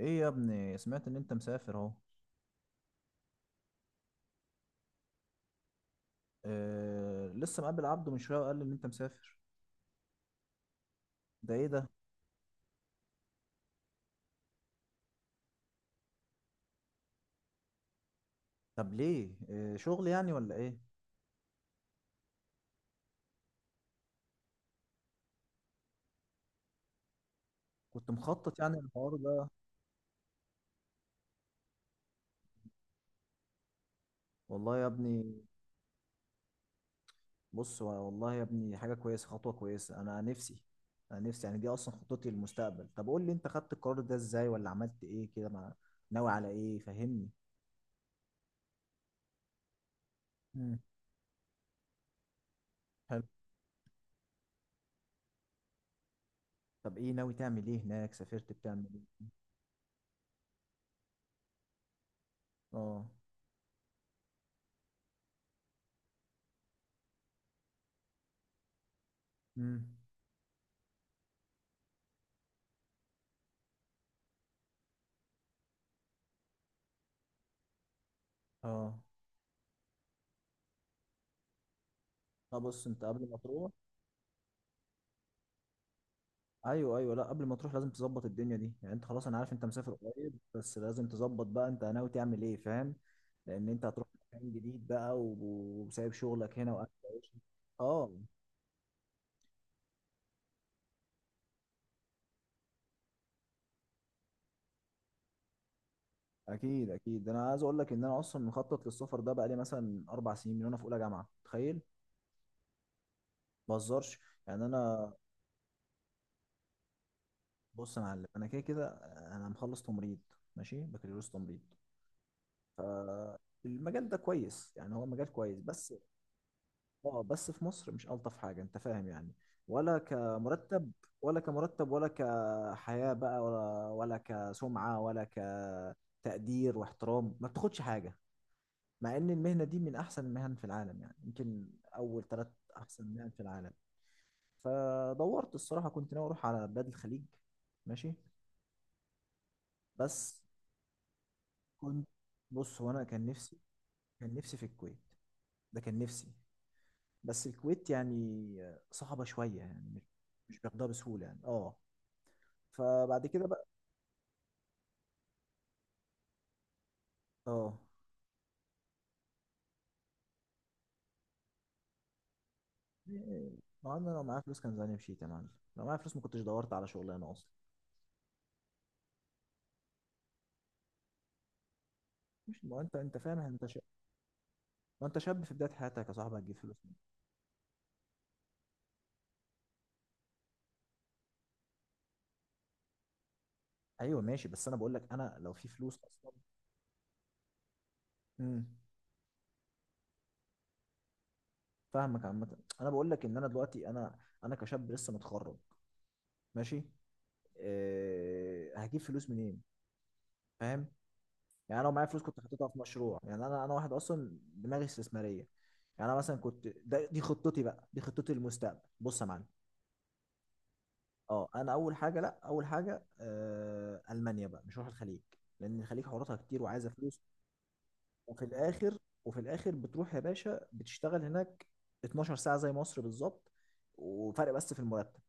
ايه يا ابني، سمعت ان انت مسافر اهو. آه، لسه مقابل عبده من شويه وقال لي ان انت مسافر. ده ايه ده؟ طب ليه؟ آه، شغل يعني ولا ايه؟ كنت مخطط يعني الحوار ده؟ والله يا ابني، بص والله يا ابني، حاجه كويسه، خطوه كويسه. انا نفسي، انا نفسي، يعني دي اصلا خطتي للمستقبل. طب قول لي، انت خدت القرار ده ازاي، ولا عملت ايه كده مع، ناوي على ايه؟ فهمني. امم حلو. طب ايه ناوي تعمل ايه هناك؟ سافرت بتعمل ايه؟ اه. امم. اه، طب بص، انت قبل ما تروح. ايوه ايوه، لا قبل ما تروح لازم تظبط الدنيا دي، يعني انت خلاص، انا عارف انت مسافر قريب، بس لازم تظبط بقى انت ناوي تعمل ايه، فاهم؟ لان انت هتروح مكان جديد بقى، و- وسايب شغلك هنا واكل عيشك. اه، اكيد اكيد، انا عايز اقول لك ان انا اصلا مخطط للسفر ده، بقى لي مثلا اربع سنين من وانا في اولى جامعه، تخيل. ما بهزرش، يعني انا، بص يا معلم، انا كده كده انا مخلص تمريض، ماشي، بكالوريوس تمريض. المجال ده كويس، يعني هو مجال كويس، بس اه، بس في مصر مش ألطف حاجة، انت فاهم يعني، ولا كمرتب، ولا كمرتب ولا كحياة بقى، ولا كسمعة ولا كتقدير واحترام، ما بتاخدش حاجة، مع ان المهنة دي من احسن المهن في العالم، يعني يمكن اول ثلاث احسن مهن في العالم. فدورت، الصراحة كنت ناوي اروح على بلاد الخليج، ماشي، بس كنت، بص هو انا كان نفسي، كان نفسي في الكويت، ده كان نفسي، بس الكويت يعني صعبة شوية، يعني مش بياخدها بسهولة، يعني اه. فبعد كده بقى، اه، ما انا لو معايا فلوس كان زماني مشيت يا معلم، لو معايا فلوس ما كنتش دورت على شغلانه اصلا. مش، ما هو انت فاهم، انت شاب، ما انت شاب في بدايه حياتك يا صاحبي، هتجيب فلوس منين؟ ايوه ماشي، بس انا بقول لك انا لو في فلوس اصلا. امم، فاهمك. عامه انا بقول لك ان انا دلوقتي، انا كشاب لسه متخرج، ماشي، أه، هجيب فلوس منين؟ فاهم؟ يعني انا لو معايا فلوس كنت حطيتها في مشروع، يعني انا واحد اصلا دماغي استثماريه. يعني انا مثلا كنت، ده دي خطتي بقى، دي خطتي للمستقبل. بص يا معلم، اه، انا اول حاجه، لا اول حاجه، آه، المانيا بقى، مش هروح الخليج، لان الخليج حواراتها كتير وعايزه فلوس. وفي الاخر، وفي الاخر بتروح يا باشا بتشتغل هناك 12 ساعه زي مصر بالظبط، وفرق بس في المرتب،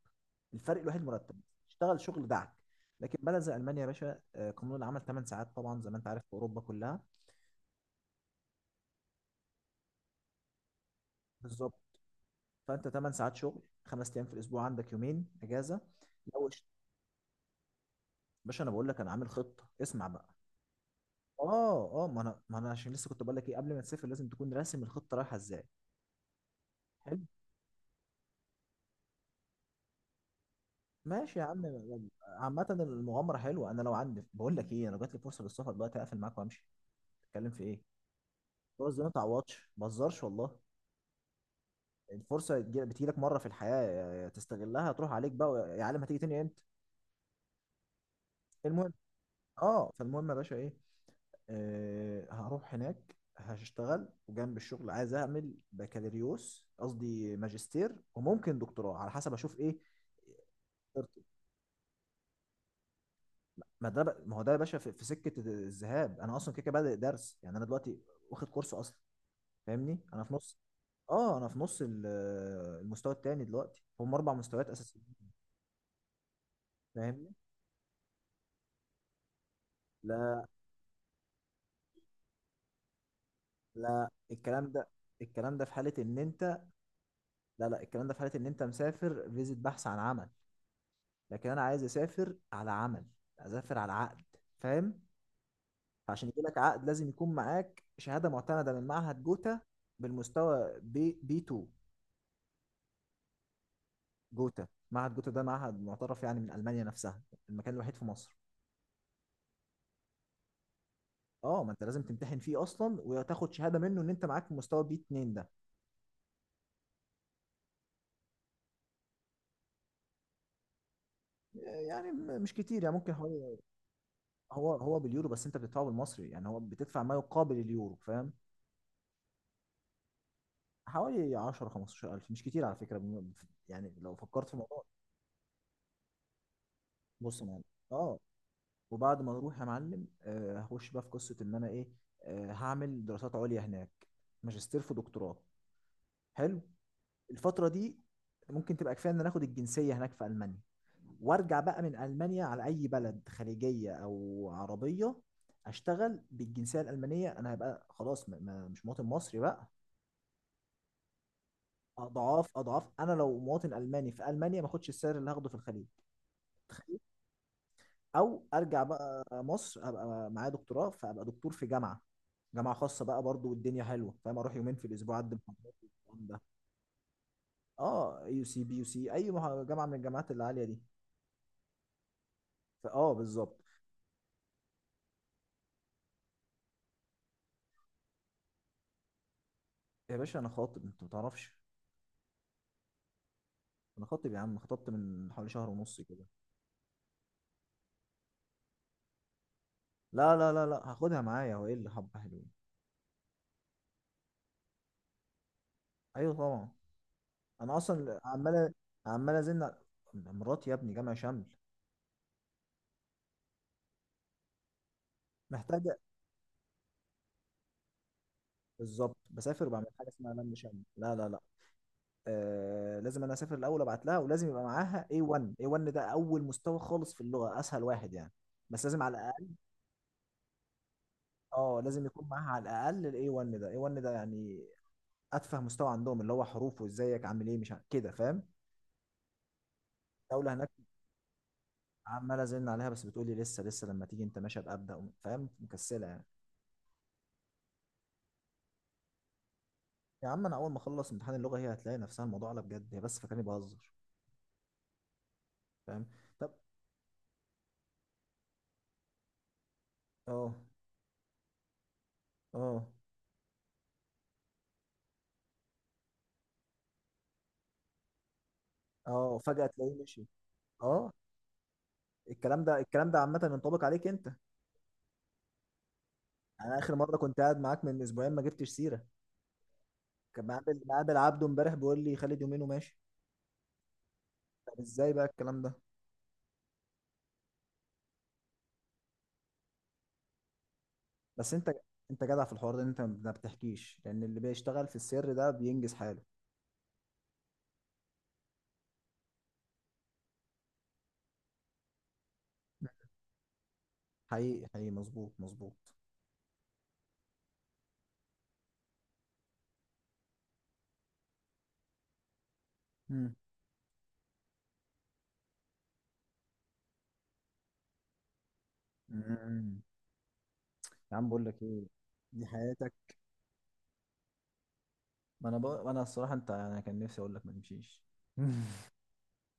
الفرق الوحيد مرتب. تشتغل شغل دعك، لكن بلد زي المانيا يا باشا، آه، قانون العمل 8 ساعات طبعا، زي ما انت عارف في اوروبا كلها. بالظبط، فانت 8 ساعات شغل، خمس ايام في الاسبوع، عندك يومين اجازه. لو اشت- باشا انا بقول لك، انا عامل خطه، اسمع بقى. اه اه، ما انا عشان لسه كنت بقول لك ايه، قبل ما تسافر لازم تكون راسم الخطه رايحه ازاي. حلو، ماشي يا عم. عامه المغامره حلوه، انا لو عندي، بقول لك ايه، انا لو جات لي فرصه للسفر دلوقتي اقفل معاك وامشي، تتكلم في ايه؟ فرص دي ما تعوضش، بهزرش والله. الفرصه بتجيلك مره في الحياه، يا تستغلها، تروح عليك بقى يا عالم، هتيجي تاني امتى؟ المهم، اه، فالمهم يا باشا ايه، آه، هروح هناك هشتغل، وجنب الشغل عايز اعمل بكالوريوس، قصدي ماجستير، وممكن دكتوراه على حسب اشوف ايه. ما هو ده يا باشا في، في سكه الذهاب انا اصلا كده كده بادئ درس، يعني انا دلوقتي واخد كورس اصلا، فاهمني، انا في نص، اه انا في نص المستوى التاني دلوقتي، هم اربع مستويات اساسيين، فاهمني. لا لا، الكلام ده، الكلام ده في حاله ان انت لا لا، الكلام ده في حاله ان انت مسافر فيزيت، بحث عن عمل. لكن انا عايز اسافر على عمل، اسافر على عقد، فاهم؟ فعشان يجي لك عقد لازم يكون معاك شهاده معتمده من معهد جوتا بالمستوى بي 2. جوتا، معهد جوتا ده معهد معترف يعني من المانيا نفسها، المكان الوحيد في مصر. اه، ما انت لازم تمتحن فيه اصلا وتاخد شهاده منه ان انت معاك مستوى بي 2 ده. يعني مش كتير يعني، ممكن حوالي، هو باليورو، بس انت بتدفعه بالمصري، يعني هو بتدفع ما يقابل اليورو، فاهم؟ حوالي 10 15,000، مش كتير على فكره. يعني لو فكرت في الموضوع، بص يا معلم. اه، وبعد ما اروح يا معلم، آه، هخش بقى في قصه ان انا ايه، آه، هعمل دراسات عليا هناك، ماجستير في دكتوراه، حلو. الفتره دي ممكن تبقى كفايه ان أنا اخد الجنسيه هناك في المانيا، وارجع بقى من المانيا على اي بلد خليجيه او عربيه، اشتغل بالجنسيه الالمانيه، انا هبقى خلاص مش مواطن مصري بقى. اضعاف اضعاف، انا لو مواطن الماني في المانيا ما اخدش السعر اللي هاخده في الخليج. او ارجع بقى مصر، ابقى معايا دكتوراه، فابقى دكتور في جامعه، جامعه خاصه بقى برضو، والدنيا حلوه، فاهم؟ اروح يومين في الاسبوع اقدم محاضرات والكلام ده. اه، يو سي بي، يو سي اي، جامعه من الجامعات العاليه دي. فاه، بالظبط. يا باشا، انا خاطب، انت ما تعرفش، انا خاطب يا عم، خطبت من حوالي شهر ونص كده. لا لا لا لا، هاخدها معايا، هو ايه اللي حبه حلوين؟ ايوه طبعا، انا اصلا عمال، عمال مراتي يا ابني، جامعه شمل. محتاجه، بالظبط، بسافر وبعمل حاجه اسمها لم شمل. لا لا لا، آه، لازم انا اسافر الاول ابعت لها، ولازم يبقى معاها A1. A1 ده اول مستوى خالص في اللغه، اسهل واحد يعني، بس لازم على الاقل، اه لازم يكون معاها على الاقل ال A1 ده. A1 ده يعني اتفه مستوى عندهم، اللي هو حروف وازيك عامل ايه مش كده، فاهم؟ الدوله هناك، عمال ازن عليها بس بتقولي لسه لسه، لما تيجي انت ماشي ابقى ابدا، فاهم؟ مكسله يعني. يا عم انا اول ما اخلص امتحان اللغه، هي هتلاقي نفسها الموضوع على بجد، هي بس فاكراني بهزر، فاهم؟ طب، اه اه اه، فجاه تلاقيه مشي. اه، الكلام ده، الكلام ده عامه ينطبق عليك انت. انا اخر مره كنت قاعد معاك من اسبوعين ما جبتش سيره، كان مقابل، مقابل عبده امبارح بيقول لي خالد يومين وماشي. طب ازاي بقى الكلام ده؟ بس انت، انت جدع في الحوار ده، انت ما بتحكيش، لان اللي بيشتغل في السر ده بينجز حاله. حقيقي حقيقي، مظبوط مظبوط. مم. مم. يا عم بقول لك ايه، دي حياتك. ما انا بقى، انا الصراحه انت، انا كان نفسي اقول لك ما نمشيش.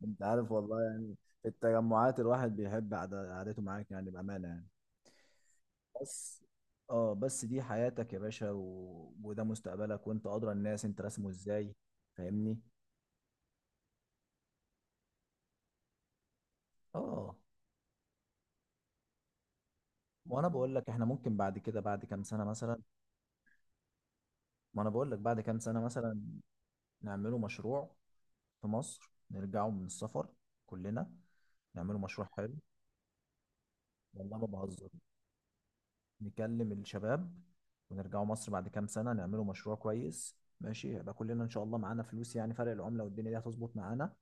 انت عارف والله يعني، في التجمعات الواحد بيحب قعدته معاك، يعني بأمانة يعني. بس اه، بس دي حياتك يا باشا، و، وده مستقبلك، وانت ادرى الناس انت راسمه ازاي. فاهمني. اه، وانا بقول لك احنا ممكن بعد كده، بعد كام سنه مثلا، ما انا بقول لك بعد كام سنه مثلا نعمله مشروع في مصر، نرجعوا من السفر كلنا، نعملوا مشروع حلو. والله ما بهزر، نكلم الشباب، ونرجعوا مصر بعد كام سنة نعملوا مشروع كويس، ماشي، يبقى كلنا إن شاء الله معانا فلوس، يعني فرق العملة والدنيا دي هتظبط معانا.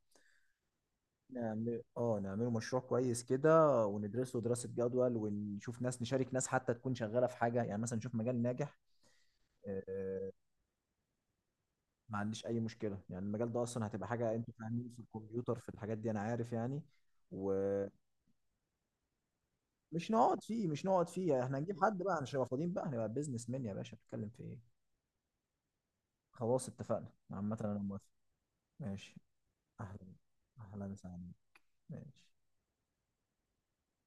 نعمل اه، نعملوا مشروع كويس كده، وندرسه دراسة جدول، ونشوف ناس، نشارك ناس حتى، تكون شغالة في حاجة يعني، مثلا نشوف مجال ناجح. آه، ما عنديش اي مشكله، يعني المجال ده اصلا هتبقى حاجه انتوا فاهمين في الكمبيوتر في الحاجات دي، انا عارف يعني. و، مش نقعد فيه، احنا هنجيب حد بقى، مش هنبقى فاضيين بقى، هنبقى بيزنس مان يا باشا، بتتكلم في ايه؟ خلاص اتفقنا، عامة انا موافق. ماشي. اهلا، اهلا وسهلا. ماشي.